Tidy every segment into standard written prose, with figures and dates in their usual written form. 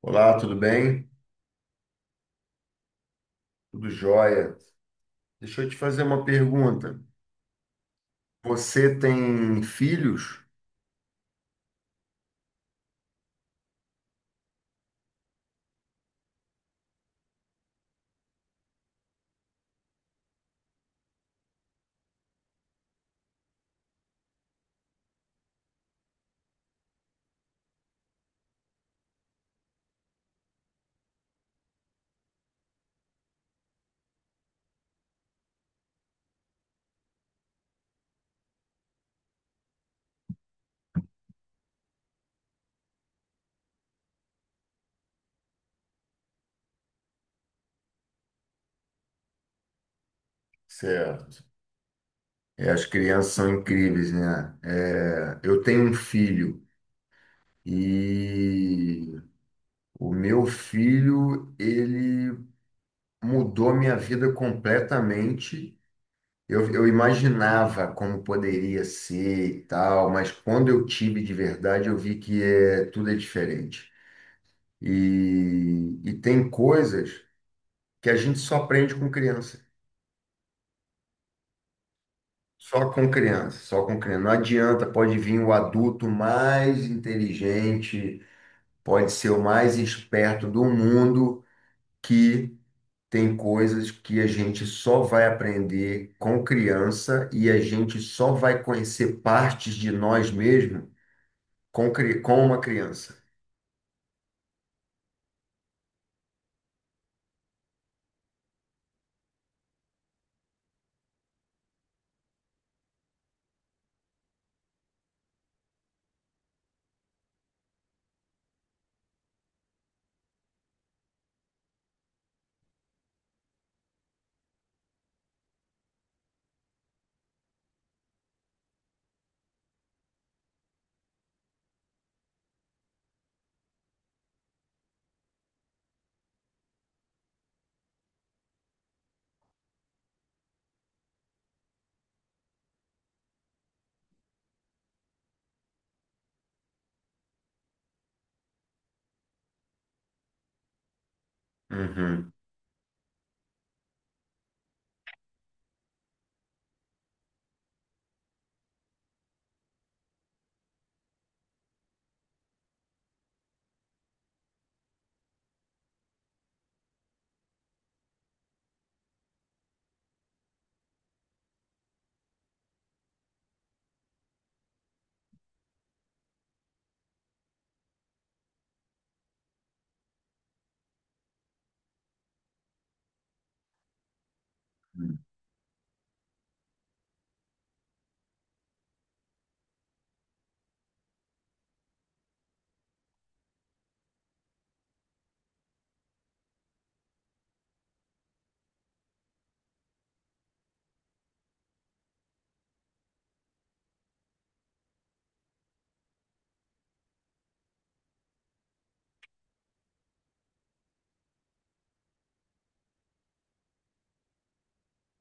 Olá, tudo bem? Tudo jóia. Deixa eu te fazer uma pergunta. Você tem filhos? Certo. É, as crianças são incríveis, né? É, eu tenho um filho e o meu filho, ele mudou minha vida completamente. Eu imaginava como poderia ser e tal, mas quando eu tive de verdade, eu vi que é, tudo é diferente. E tem coisas que a gente só aprende com criança. Só com criança, só com criança. Não adianta, pode vir o adulto mais inteligente, pode ser o mais esperto do mundo, que tem coisas que a gente só vai aprender com criança e a gente só vai conhecer partes de nós mesmos com, com uma criança. Uhum.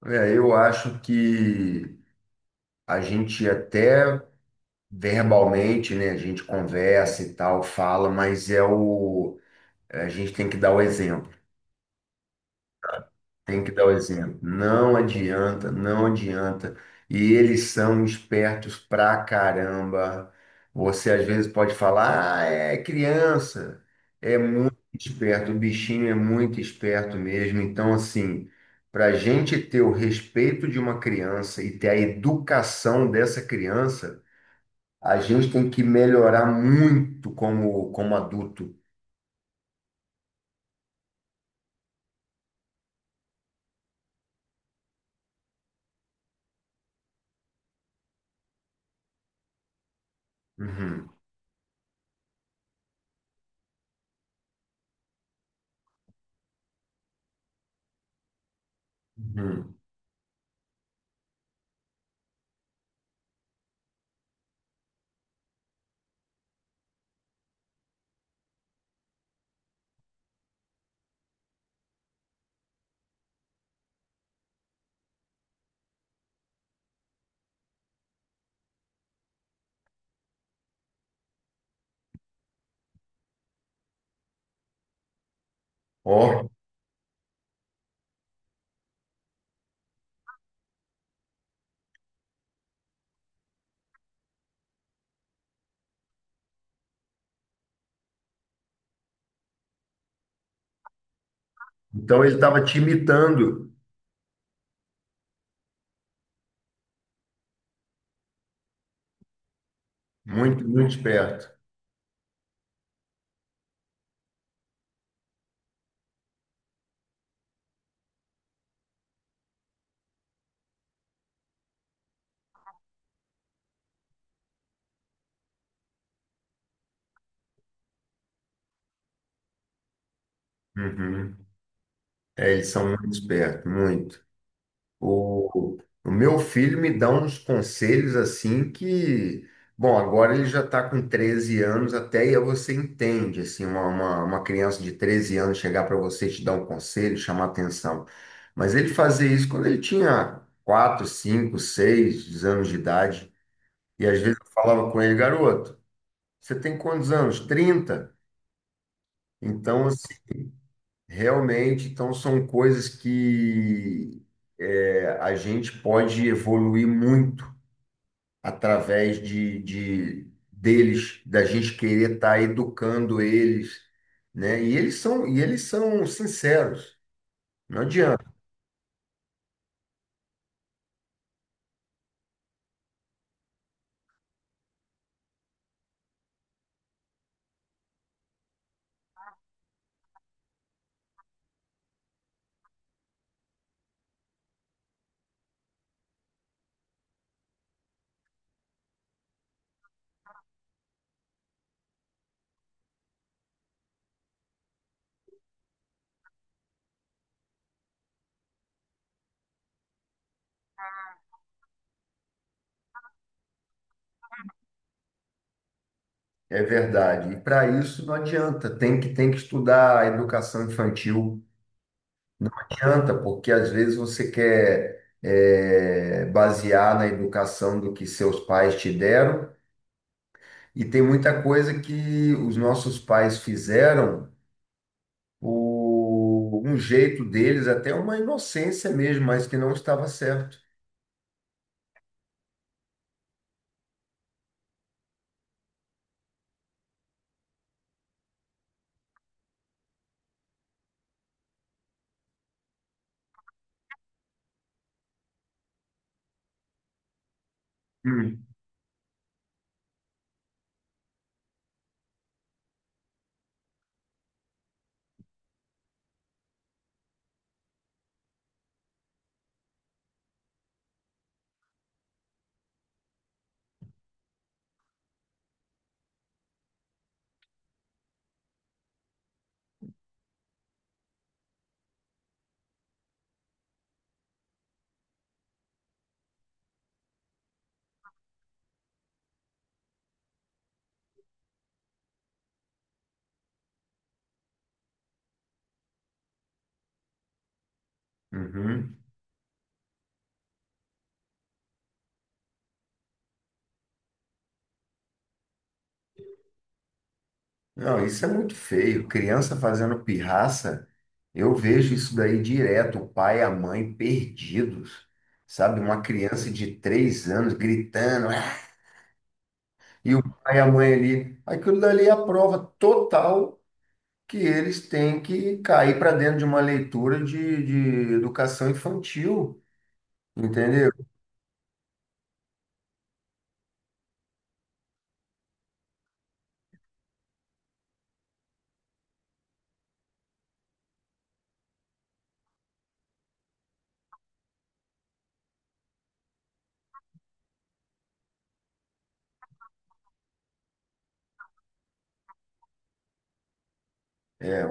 É, eu acho que a gente até verbalmente, né, a gente conversa e tal, fala, mas é o a gente tem que dar o exemplo. Tem que dar o exemplo. Não adianta, não adianta. E eles são espertos pra caramba. Você às vezes pode falar, ah, é criança. É muito esperto, o bichinho é muito esperto mesmo. Então, assim, para a gente ter o respeito de uma criança e ter a educação dessa criança, a gente tem que melhorar muito como, como adulto. Uhum, uhum. Ó, então ele estava te imitando. Muito, muito esperto. Uhum. É, eles são muito espertos, muito. O, o meu filho me dá uns conselhos assim que, bom, agora ele já está com 13 anos, até aí você entende, assim, uma criança de 13 anos chegar para você e te dar um conselho, chamar atenção. Mas ele fazia isso quando ele tinha 4, 5, 6 anos de idade, e às vezes eu falava com ele, garoto, você tem quantos anos? 30. Então, assim, realmente, então são coisas que a gente pode evoluir muito através de deles, da gente querer estar educando eles, né? E eles são sinceros. Não adianta, é verdade. E para isso não adianta, tem que estudar a educação infantil. Não adianta, porque às vezes você quer é, basear na educação do que seus pais te deram, e tem muita coisa que os nossos pais fizeram o, um jeito deles, até uma inocência mesmo, mas que não estava certo. Hum, uhum. Não, isso é muito feio. Criança fazendo pirraça, eu vejo isso daí direto, o pai e a mãe perdidos, sabe? Uma criança de 3 anos gritando, "Ah!" e o pai e a mãe ali. Aquilo dali é a prova total que eles têm que cair para dentro de uma leitura de educação infantil, entendeu?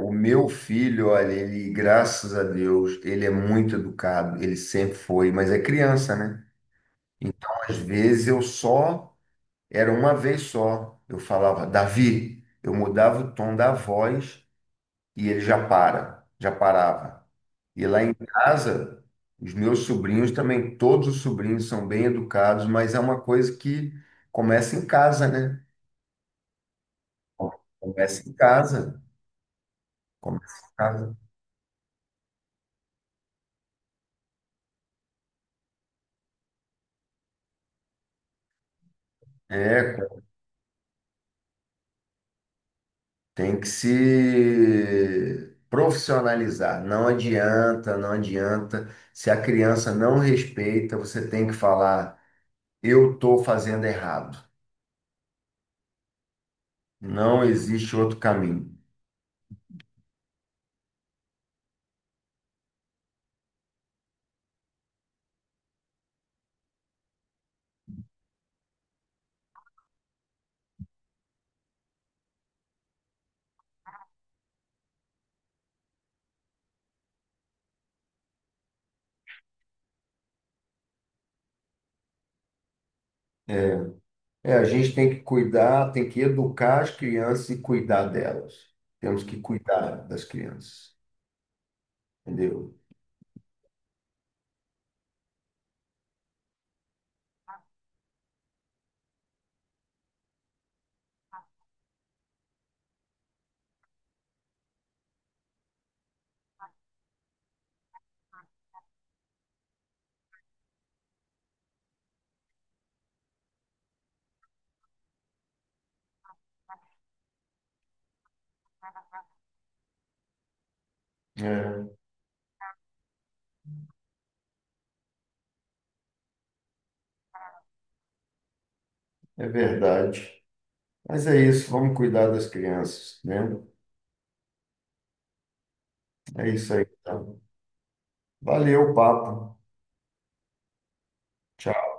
O meu filho, olha, ele, graças a Deus, ele é muito educado, ele sempre foi, mas é criança, né? Então, às vezes, eu só, era uma vez só, eu falava, Davi, eu mudava o tom da voz e ele já para, já parava. E lá em casa, os meus sobrinhos também, todos os sobrinhos são bem educados, mas é uma coisa que começa em casa, né? Começa em casa, começa em casa. É, tem que se profissionalizar. Não adianta, não adianta. Se a criança não respeita, você tem que falar: eu estou fazendo errado. Não existe outro caminho. É, é, a gente tem que cuidar, tem que educar as crianças e cuidar delas. Temos que cuidar das crianças, entendeu? É, é verdade. Mas é isso, vamos cuidar das crianças, né? É isso aí, então. Valeu o papo. Tchau.